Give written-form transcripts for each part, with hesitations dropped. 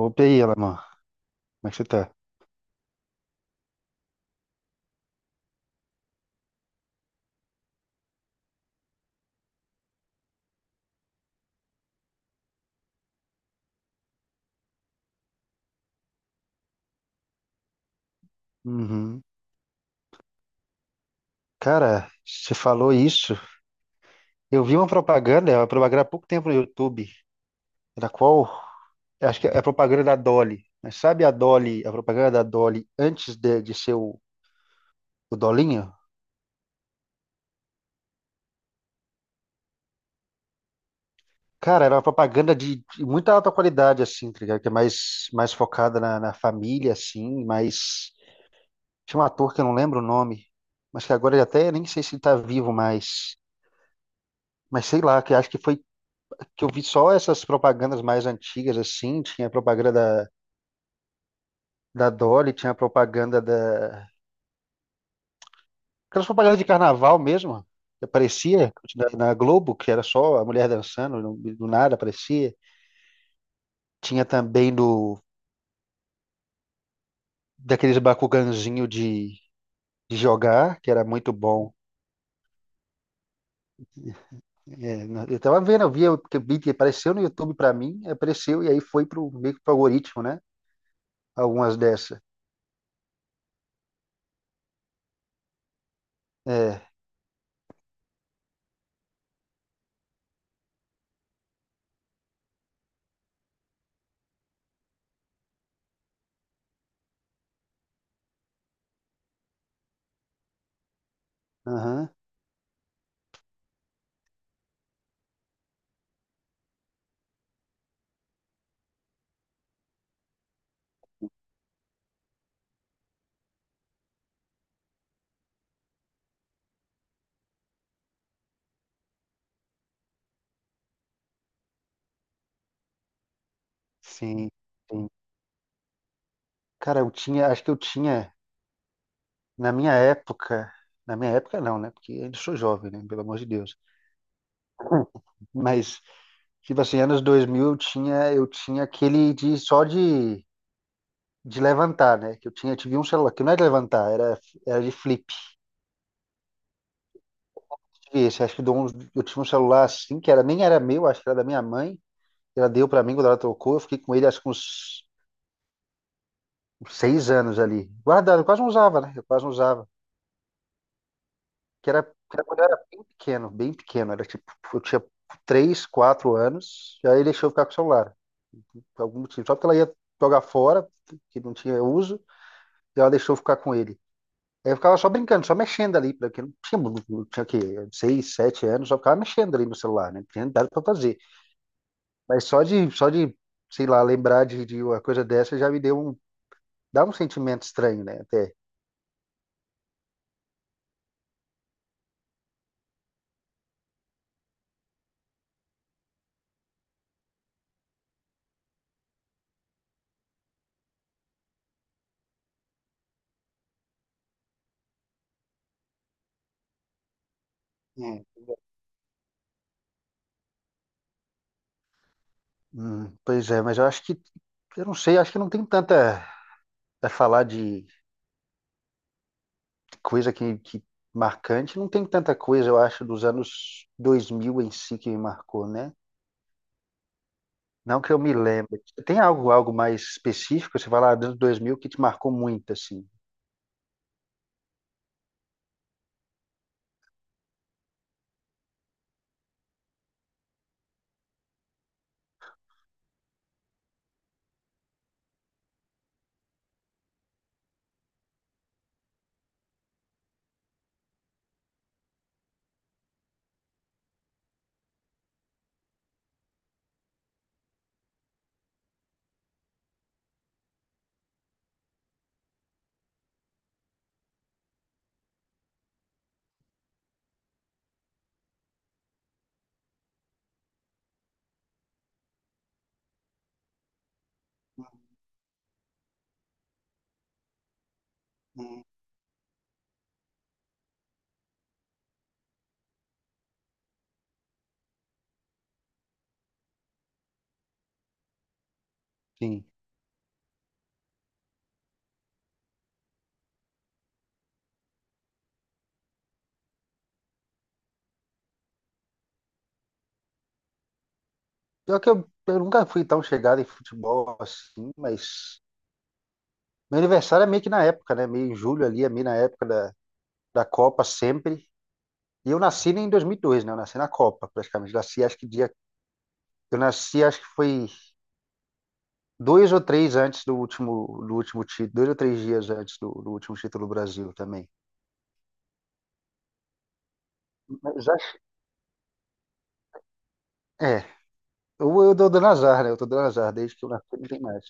Opa, e aí, Alamã? Como é que você tá? Uhum. Cara, você falou isso. Eu vi uma propaganda, é uma propaganda há pouco tempo no YouTube, na qual, acho que é a propaganda da Dolly. Mas sabe a Dolly, a propaganda da Dolly antes de ser o Dolinho? Cara, era uma propaganda de muita alta qualidade, assim, tá ligado? Que é mais focada na família, assim, mas. Tinha um ator que eu não lembro o nome, mas que agora ele até nem sei se ele tá vivo mais. Mas sei lá, que acho que foi que eu vi só essas propagandas mais antigas, assim, tinha a propaganda da Dolly, tinha a propaganda da. Aquelas propagandas de carnaval mesmo, que aparecia na Globo, que era só a mulher dançando, do nada aparecia. Tinha também do daqueles Bakuganzinho de jogar, que era muito bom. É, eu tava vendo, eu via que o Beat apareceu no YouTube pra mim, apareceu e aí foi pro meio que pro algoritmo, né? Algumas dessas. É, aham, sim, sim. Cara, eu tinha, acho que eu tinha Na minha época, na minha época não, né? Porque eu ainda sou jovem, né? Pelo amor de Deus. Mas, tipo assim, anos 2000 eu tinha aquele de só de levantar, né? Que eu tinha, eu tive um celular, que não era de levantar, era, era de flip. Tive Esse, acho que de um- eu tinha um celular assim, que era, nem era meu, acho que era da minha mãe. Ela deu pra mim quando ela trocou, eu fiquei com ele acho que uns 6 anos ali. Guardado, eu quase não usava, né? Eu quase não usava. Que era, que era quando eu era bem pequeno, bem pequeno. Era tipo, eu tinha 3, 4 anos, e aí deixou eu ficar com o celular, por algum motivo. Só porque ela ia jogar fora, que não tinha uso, e ela deixou eu ficar com ele. Aí eu ficava só brincando, só mexendo ali, porque eu não tinha, não tinha o quê? 6, 7 anos, só ficava mexendo ali no celular, né? Não tinha nada pra fazer. Mas só de, sei lá, lembrar de uma coisa dessa já me dá um sentimento estranho, né? Até. É. Pois é, mas eu acho que, eu não sei, acho que não tem tanta a falar de coisa que marcante, não tem tanta coisa, eu acho, dos anos 2000 em si que me marcou, né? Não que eu me lembre. Tem algo, algo mais específico, você fala, ah, dos anos 2000 que te marcou muito, assim? Hum. Sim. Pior que eu nunca fui tão chegado em futebol assim, mas meu aniversário é meio que na época, né? Meio em julho ali, é meio na época da Copa sempre. E eu nasci em 2002, né? Eu nasci na Copa, praticamente. Nasci, acho que dia. Eu nasci, acho que foi Dois ou três antes do último título, dois ou três dias antes do último título do Brasil também. Mas acho- é, eu dou dando azar, né? Eu tô dando azar desde que eu nasci, não tem mais.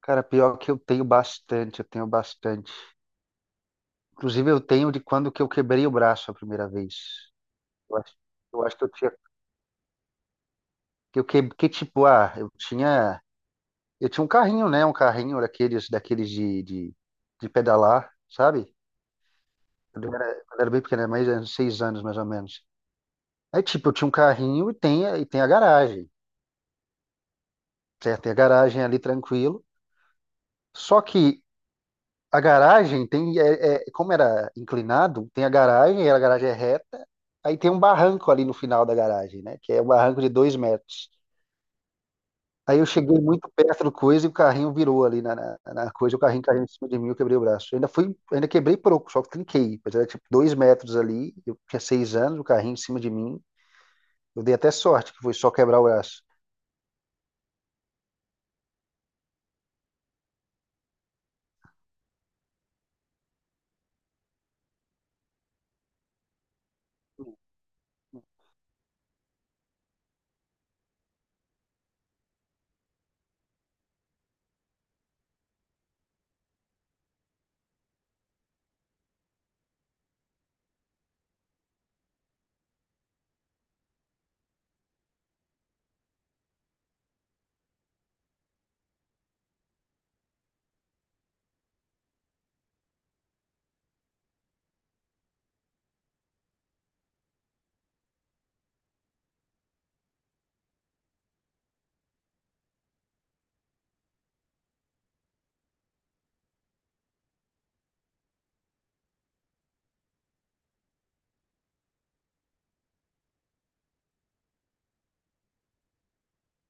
Cara, pior que eu tenho bastante. Inclusive, eu tenho de quando que eu quebrei o braço a primeira vez. Eu acho, eu acho que eu tinha, que eu que tipo, ah, eu tinha um carrinho, né? Um carrinho daqueles, daqueles de pedalar, sabe? Quando eu era bem pequeno, mais uns 6 anos mais ou menos. Aí, tipo, eu tinha um carrinho e tem, e tem a garagem, certo? Tem a garagem ali tranquilo. Só que a garagem tem, como era inclinado, tem a garagem, e a garagem é reta, aí tem um barranco ali no final da garagem, né? Que é um barranco de 2 metros. Aí eu cheguei muito perto do coisa e o carrinho virou ali na coisa, o carrinho caiu em cima de mim, eu quebrei o braço. Ainda quebrei pouco, só que trinquei. Mas era tipo 2 metros ali, eu tinha 6 anos, o carrinho em cima de mim. Eu dei até sorte, que foi só quebrar o braço.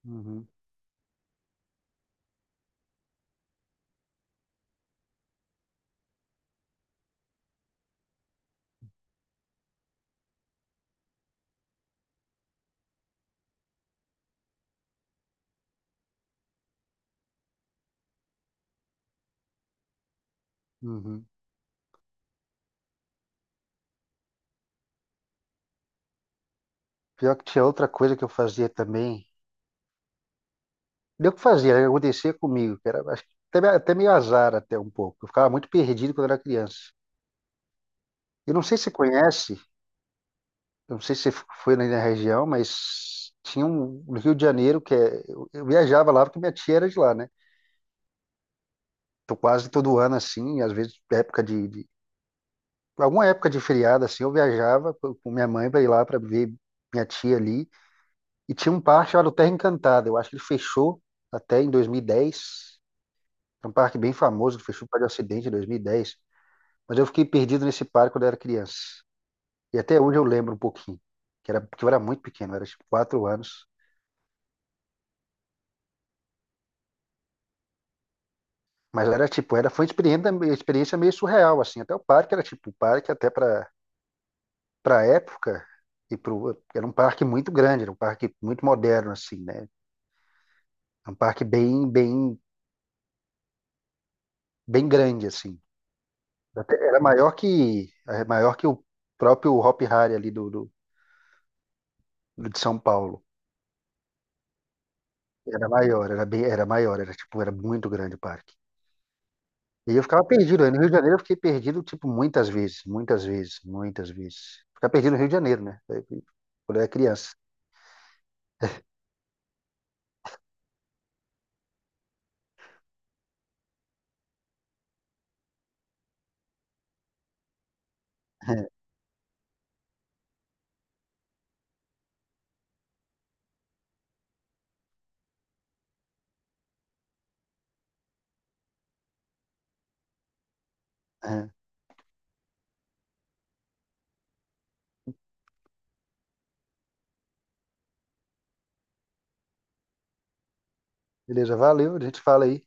Uhum, uhum. Pior que tinha outra coisa que eu fazia também. Deu que fazia, né? Acontecia comigo, que era acho que até, até meio azar até um pouco. Eu ficava muito perdido quando era criança. Eu não sei se você conhece, eu não sei se você foi na região, mas tinha um no Rio de Janeiro que é, eu viajava lá porque minha tia era de lá, né? Então quase todo ano assim, às vezes época de alguma época de feriado assim, eu viajava com minha mãe para ir lá para ver minha tia ali e tinha um parque chamado Terra Encantada. Eu acho que ele fechou até em 2010. É um parque bem famoso que fechou por causa de acidente em 2010. Mas eu fiquei perdido nesse parque quando eu era criança. E até hoje eu lembro um pouquinho. Que era, porque eu era muito pequeno, eu era tipo 4 anos. Mas era tipo, era, foi uma experiência meio surreal, assim. Até o parque era tipo, o parque até para época, era um parque muito grande, era um parque muito moderno, assim, né? Era um parque bem, bem, bem grande, assim. Até era maior que, é, maior que o próprio Hop Hari ali do de São Paulo. Era maior, era bem, era maior, era tipo, era muito grande o parque. E eu ficava perdido. Aí no Rio de Janeiro eu fiquei perdido, tipo, muitas vezes, muitas vezes, muitas vezes. Ficar perdido no Rio de Janeiro, né? Aí, quando eu era criança. É. Beleza, valeu, a gente fala aí.